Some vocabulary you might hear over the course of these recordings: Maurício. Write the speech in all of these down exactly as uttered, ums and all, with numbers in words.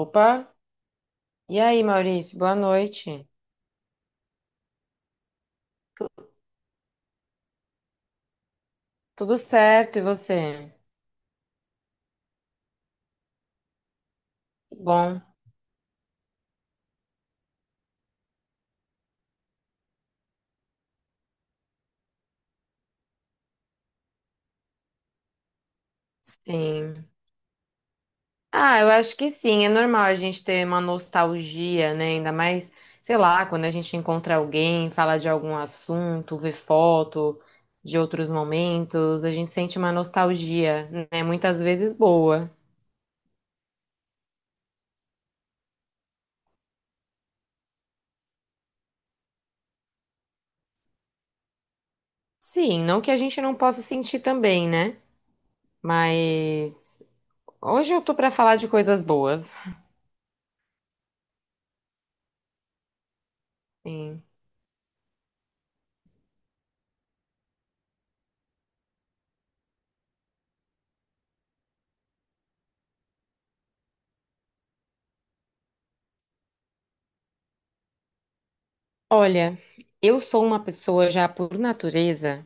Opa! E aí, Maurício, boa noite. Tu- Tudo certo, e você? Bom, sim. Ah, eu acho que sim, é normal a gente ter uma nostalgia, né? Ainda mais, sei lá, quando a gente encontra alguém, fala de algum assunto, vê foto de outros momentos, a gente sente uma nostalgia, né? Muitas vezes boa. Sim, não que a gente não possa sentir também, né? Mas hoje eu tô pra falar de coisas boas. Sim. Olha, eu sou uma pessoa já por natureza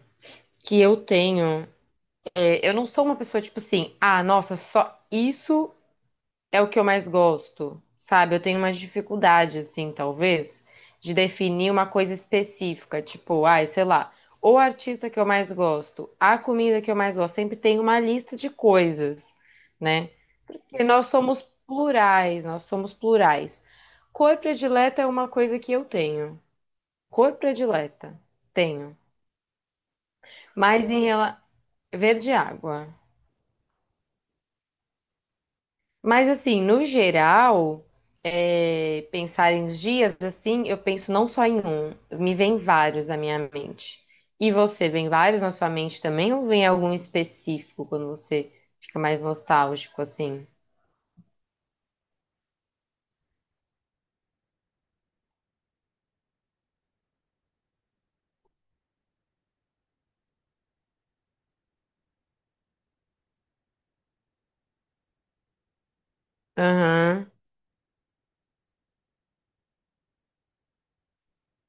que eu tenho. é, eu não sou uma pessoa tipo assim, ah, nossa, só isso é o que eu mais gosto, sabe? Eu tenho uma dificuldade, assim, talvez, de definir uma coisa específica, tipo, ai, sei lá, o artista que eu mais gosto, a comida que eu mais gosto, sempre tem uma lista de coisas, né? Porque nós somos plurais, nós somos plurais. Cor predileta é uma coisa que eu tenho. Cor predileta, tenho. Mas em relação. Verde é água. Mas assim, no geral, é, pensar em dias assim, eu penso não só em um, me vem vários na minha mente. E você, vem vários na sua mente também, ou vem algum específico quando você fica mais nostálgico assim? Aham,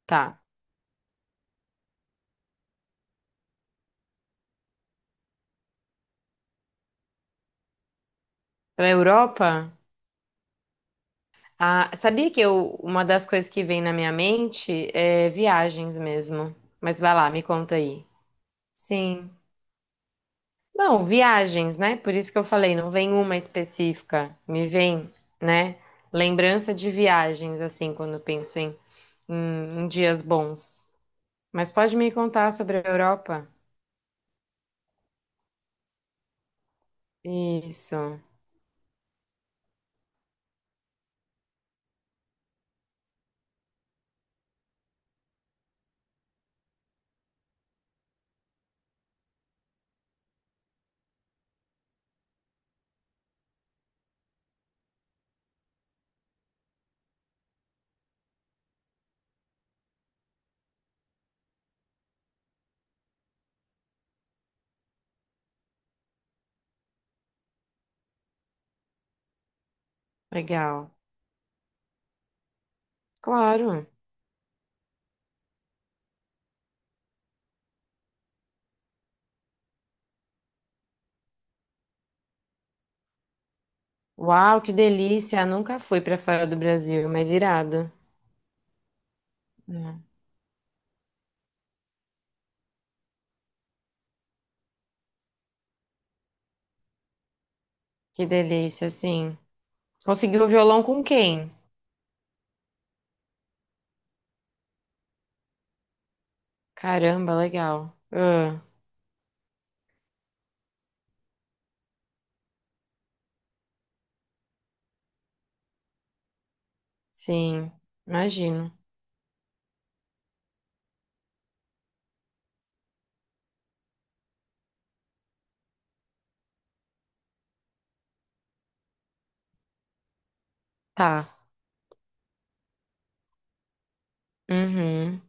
tá. Pra Europa, ah, sabia que eu, uma das coisas que vem na minha mente é viagens mesmo. Mas vai lá, me conta aí. Sim. Não, viagens, né? Por isso que eu falei, não vem uma específica. Me vem, né? Lembrança de viagens, assim, quando eu penso em, em, em dias bons. Mas pode me contar sobre a Europa? Isso, legal. Claro. Uau, que delícia! Nunca fui pra fora do Brasil, mas irado. Hum. Que delícia, sim. Conseguiu o violão com quem? Caramba, legal. Ah, sim, imagino. Tá. Uhum,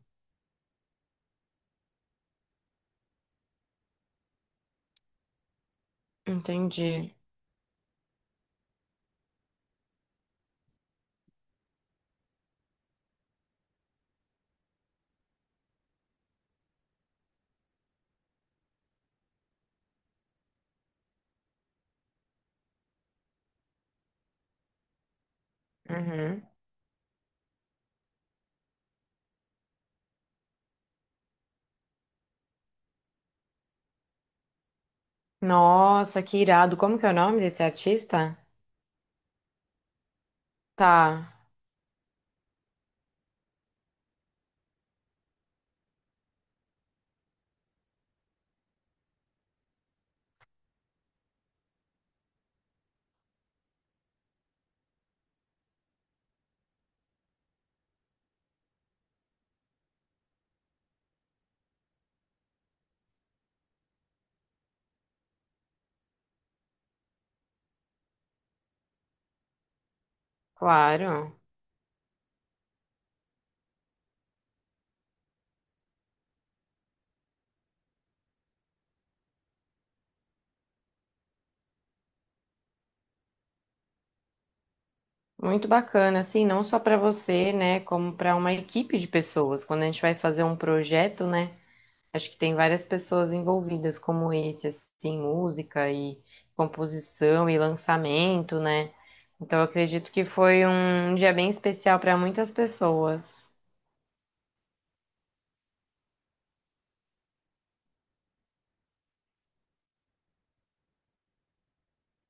entendi. Uhum. Nossa, que irado. Como que é o nome desse artista? Tá, claro. Muito bacana, assim, não só para você, né, como para uma equipe de pessoas. Quando a gente vai fazer um projeto, né, acho que tem várias pessoas envolvidas, como esse, assim, música e composição e lançamento, né? Então, eu acredito que foi um dia bem especial para muitas pessoas.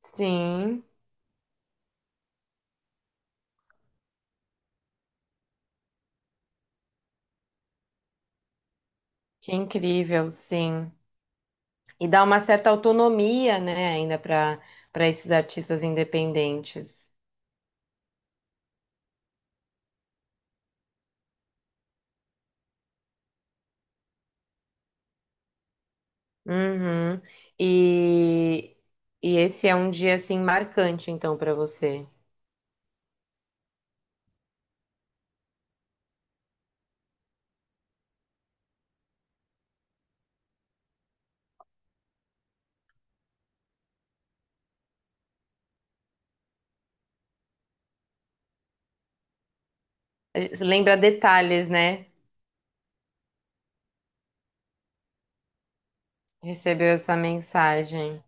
Sim, que incrível, sim. E dá uma certa autonomia, né, ainda para para esses artistas independentes. Uhum. E, e esse é um dia assim marcante, então, para você. Eh, lembra detalhes, né? Recebeu essa mensagem.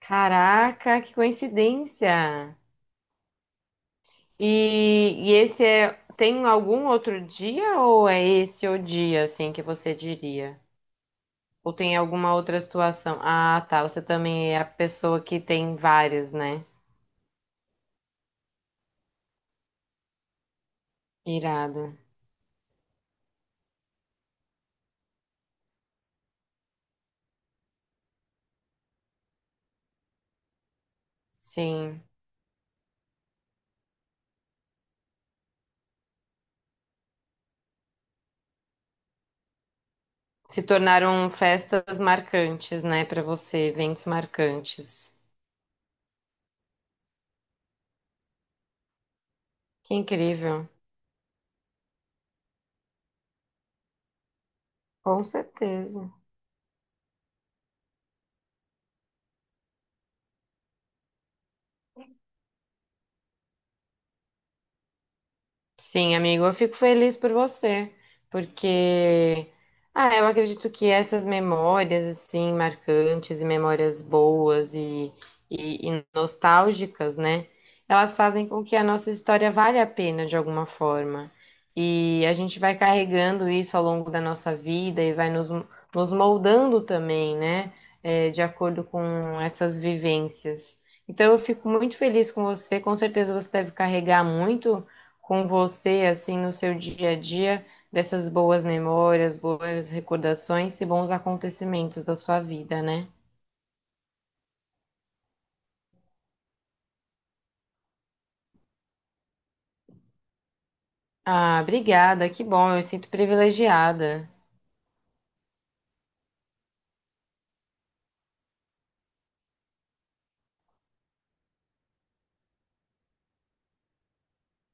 Caraca, que coincidência! E, e esse é, tem algum outro dia ou é esse o dia, assim, que você diria? Ou tem alguma outra situação? Ah, tá, você também é a pessoa que tem vários, né? Irado. Sim. Se tornaram festas marcantes, né, pra você, eventos marcantes. Que incrível. Com certeza. Sim, amigo, eu fico feliz por você, porque ah, eu acredito que essas memórias assim marcantes e memórias boas e, e, e nostálgicas, né? Elas fazem com que a nossa história valha a pena de alguma forma. E a gente vai carregando isso ao longo da nossa vida e vai nos, nos moldando também, né? É, de acordo com essas vivências. Então eu fico muito feliz com você, com certeza você deve carregar muito com você, assim, no seu dia a dia, dessas boas memórias, boas recordações e bons acontecimentos da sua vida, né? Ah, obrigada, que bom, eu me sinto privilegiada.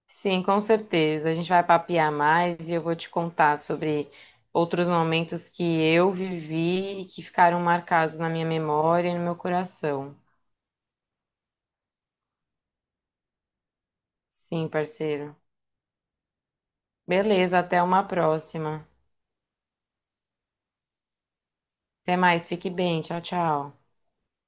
Sim, com certeza. A gente vai papear mais e eu vou te contar sobre outros momentos que eu vivi e que ficaram marcados na minha memória e no meu coração. Sim, parceiro. Beleza, até uma próxima. Até mais, fique bem. Tchau, tchau.